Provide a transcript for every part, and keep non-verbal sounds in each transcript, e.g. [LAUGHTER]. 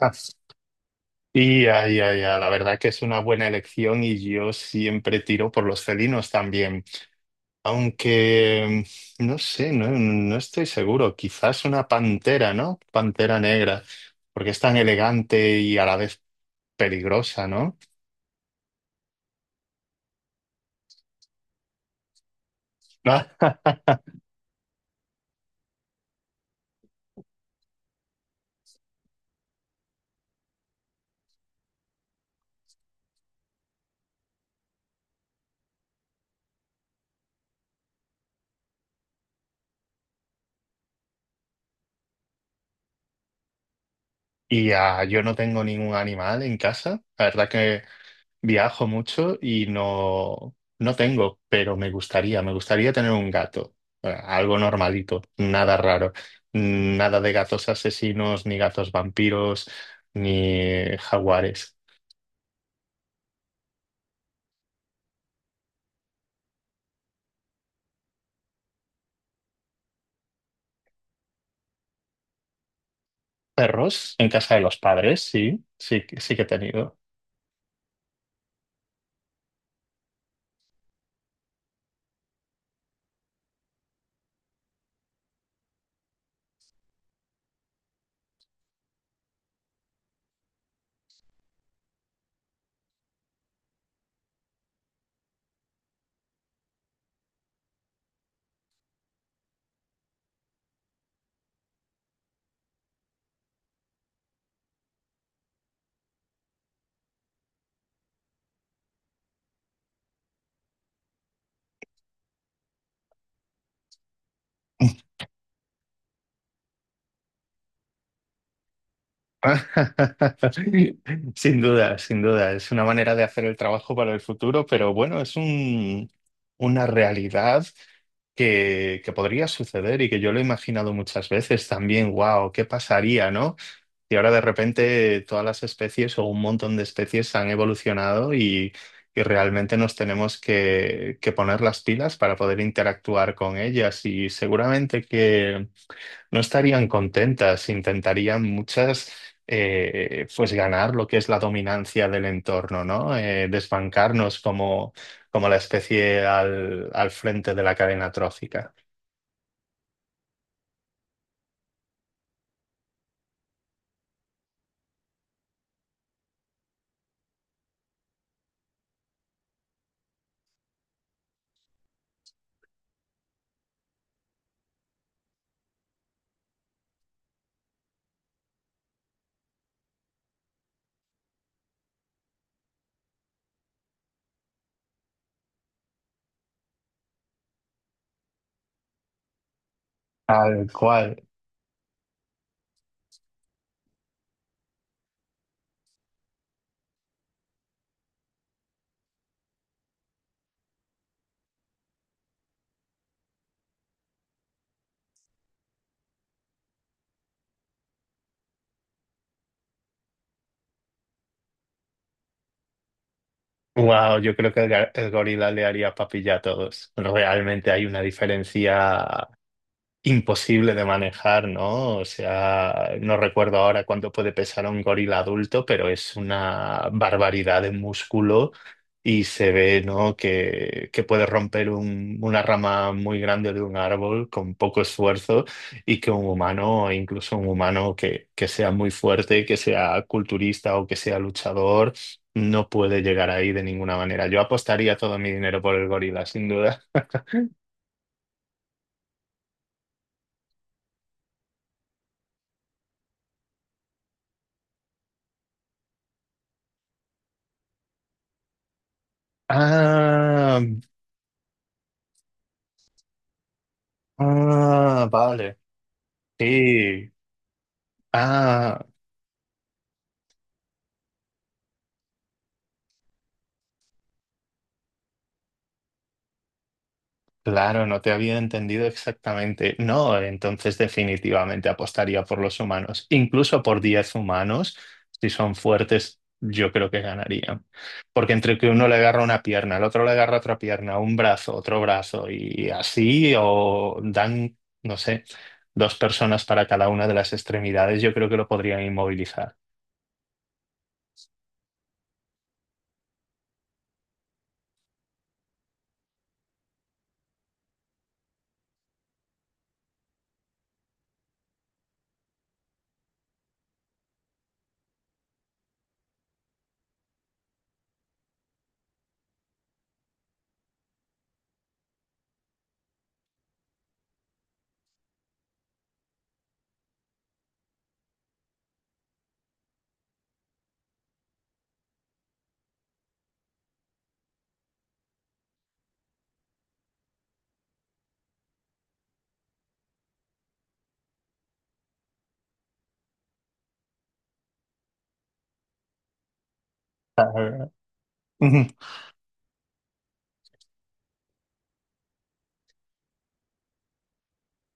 Ah, y ya, ya, ya, la verdad que es una buena elección y yo siempre tiro por los felinos también. Aunque, no sé, no, no estoy seguro. Quizás una pantera, ¿no? Pantera negra, porque es tan elegante y a la vez peligrosa, ¿no? [LAUGHS] Y yo no tengo ningún animal en casa. La verdad que viajo mucho y no, no tengo, pero me gustaría tener un gato. Algo normalito, nada raro, nada de gatos asesinos, ni gatos vampiros, ni jaguares. Perros en casa de los padres, sí, sí, sí que he tenido. [LAUGHS] Sin duda, sin duda. Es una manera de hacer el trabajo para el futuro, pero bueno, es una realidad que podría suceder y que yo lo he imaginado muchas veces también. Wow, ¿qué pasaría, no? Y ahora de repente todas las especies o un montón de especies han evolucionado y realmente nos tenemos que poner las pilas para poder interactuar con ellas. Y seguramente no estarían contentas, intentarían muchas pues ganar lo que es la dominancia del entorno, ¿no? Desbancarnos como la especie al frente de la cadena trófica. Tal cual. Wow, yo creo que el gorila le haría papilla a todos. Realmente hay una diferencia imposible de manejar, ¿no? O sea, no recuerdo ahora cuánto puede pesar un gorila adulto, pero es una barbaridad de músculo y se ve, ¿no? Que puede romper una rama muy grande de un árbol con poco esfuerzo y que un humano, incluso un humano que sea muy fuerte, que sea culturista o que sea luchador, no puede llegar ahí de ninguna manera. Yo apostaría todo mi dinero por el gorila, sin duda. Ah. Ah, vale. Sí. Ah, claro, no te había entendido exactamente. No, entonces definitivamente apostaría por los humanos. Incluso por 10 humanos, si son fuertes, yo creo que ganarían. Porque entre que uno le agarra una pierna, el otro le agarra otra pierna, un brazo, otro brazo, y así, o dan, no sé, dos personas para cada una de las extremidades, yo creo que lo podrían inmovilizar. [LAUGHS]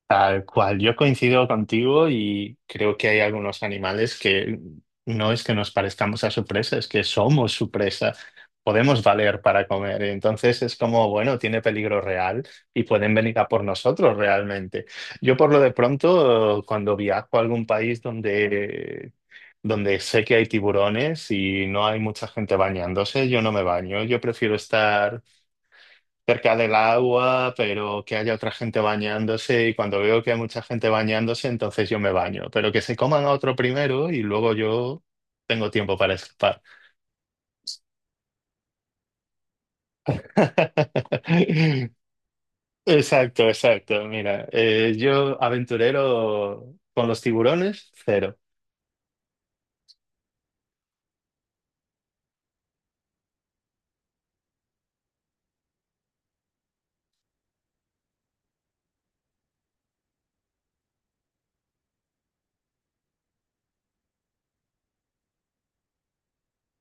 Tal cual, yo coincido contigo y creo que hay algunos animales que no es que nos parezcamos a su presa, es que somos su presa, podemos valer para comer. Entonces es como, bueno, tiene peligro real y pueden venir a por nosotros realmente. Yo por lo de pronto, cuando viajo a algún país donde sé que hay tiburones y no hay mucha gente bañándose, yo no me baño, yo prefiero estar cerca del agua, pero que haya otra gente bañándose y cuando veo que hay mucha gente bañándose, entonces yo me baño, pero que se coman a otro primero y luego yo tengo tiempo para escapar. [LAUGHS] Exacto, exacto. Mira, yo aventurero con los tiburones, cero.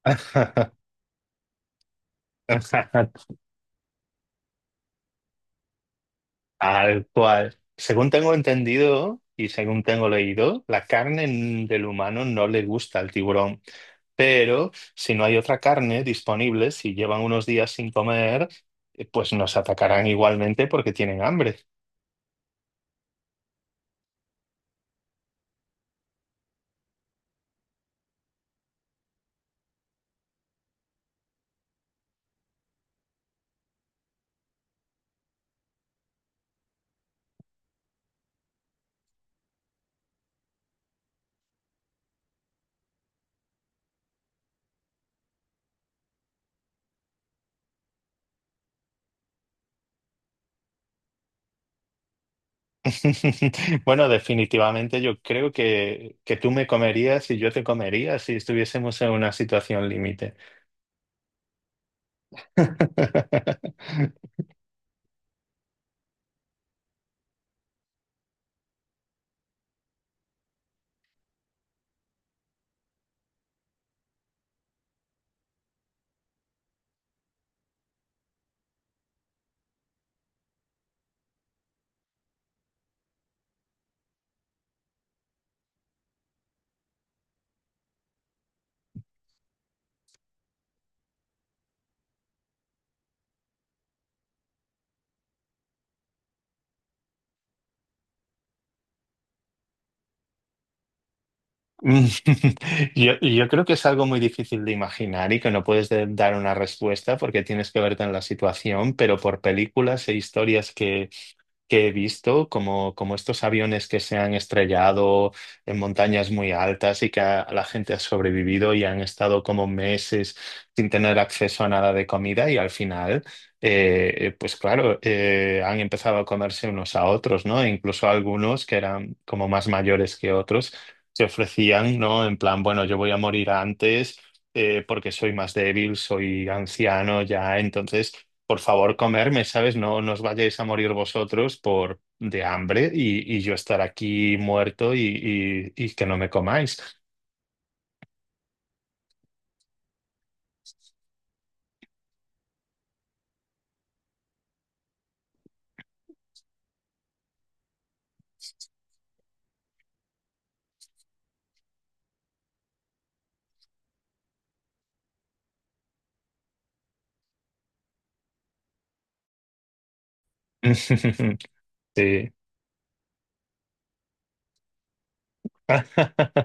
[LAUGHS] Tal cual. Según tengo entendido y según tengo leído, la carne del humano no le gusta al tiburón. Pero si no hay otra carne disponible, si llevan unos días sin comer, pues nos atacarán igualmente porque tienen hambre. [LAUGHS] Bueno, definitivamente yo creo que tú me comerías y yo te comería si estuviésemos en una situación límite. [LAUGHS] Mm, [LAUGHS] yo creo que es algo muy difícil de imaginar y que no puedes dar una respuesta porque tienes que verte en la situación, pero por películas e historias que he visto, como, como estos aviones que se han estrellado en montañas muy altas y que la gente ha sobrevivido y han estado como meses sin tener acceso a nada de comida y al final, pues claro, han empezado a comerse unos a otros, ¿no? E incluso algunos que eran como más mayores que otros se ofrecían, ¿no? En plan, bueno, yo voy a morir antes. Porque soy más débil, soy anciano ya, entonces por favor, comerme, ¿sabes? No, no os vayáis a morir vosotros por de hambre y yo estar aquí muerto y, y que no me comáis. [LAUGHS] Sí. [LAUGHS]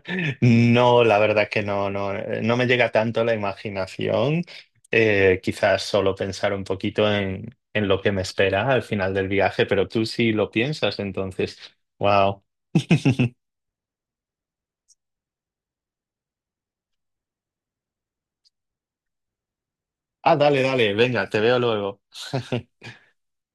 No, la verdad que no, no, no me llega tanto la imaginación. Quizás solo pensar un poquito en lo que me espera al final del viaje, pero tú sí lo piensas, entonces, wow. [LAUGHS] Ah, dale, dale, venga, te veo luego. [LAUGHS]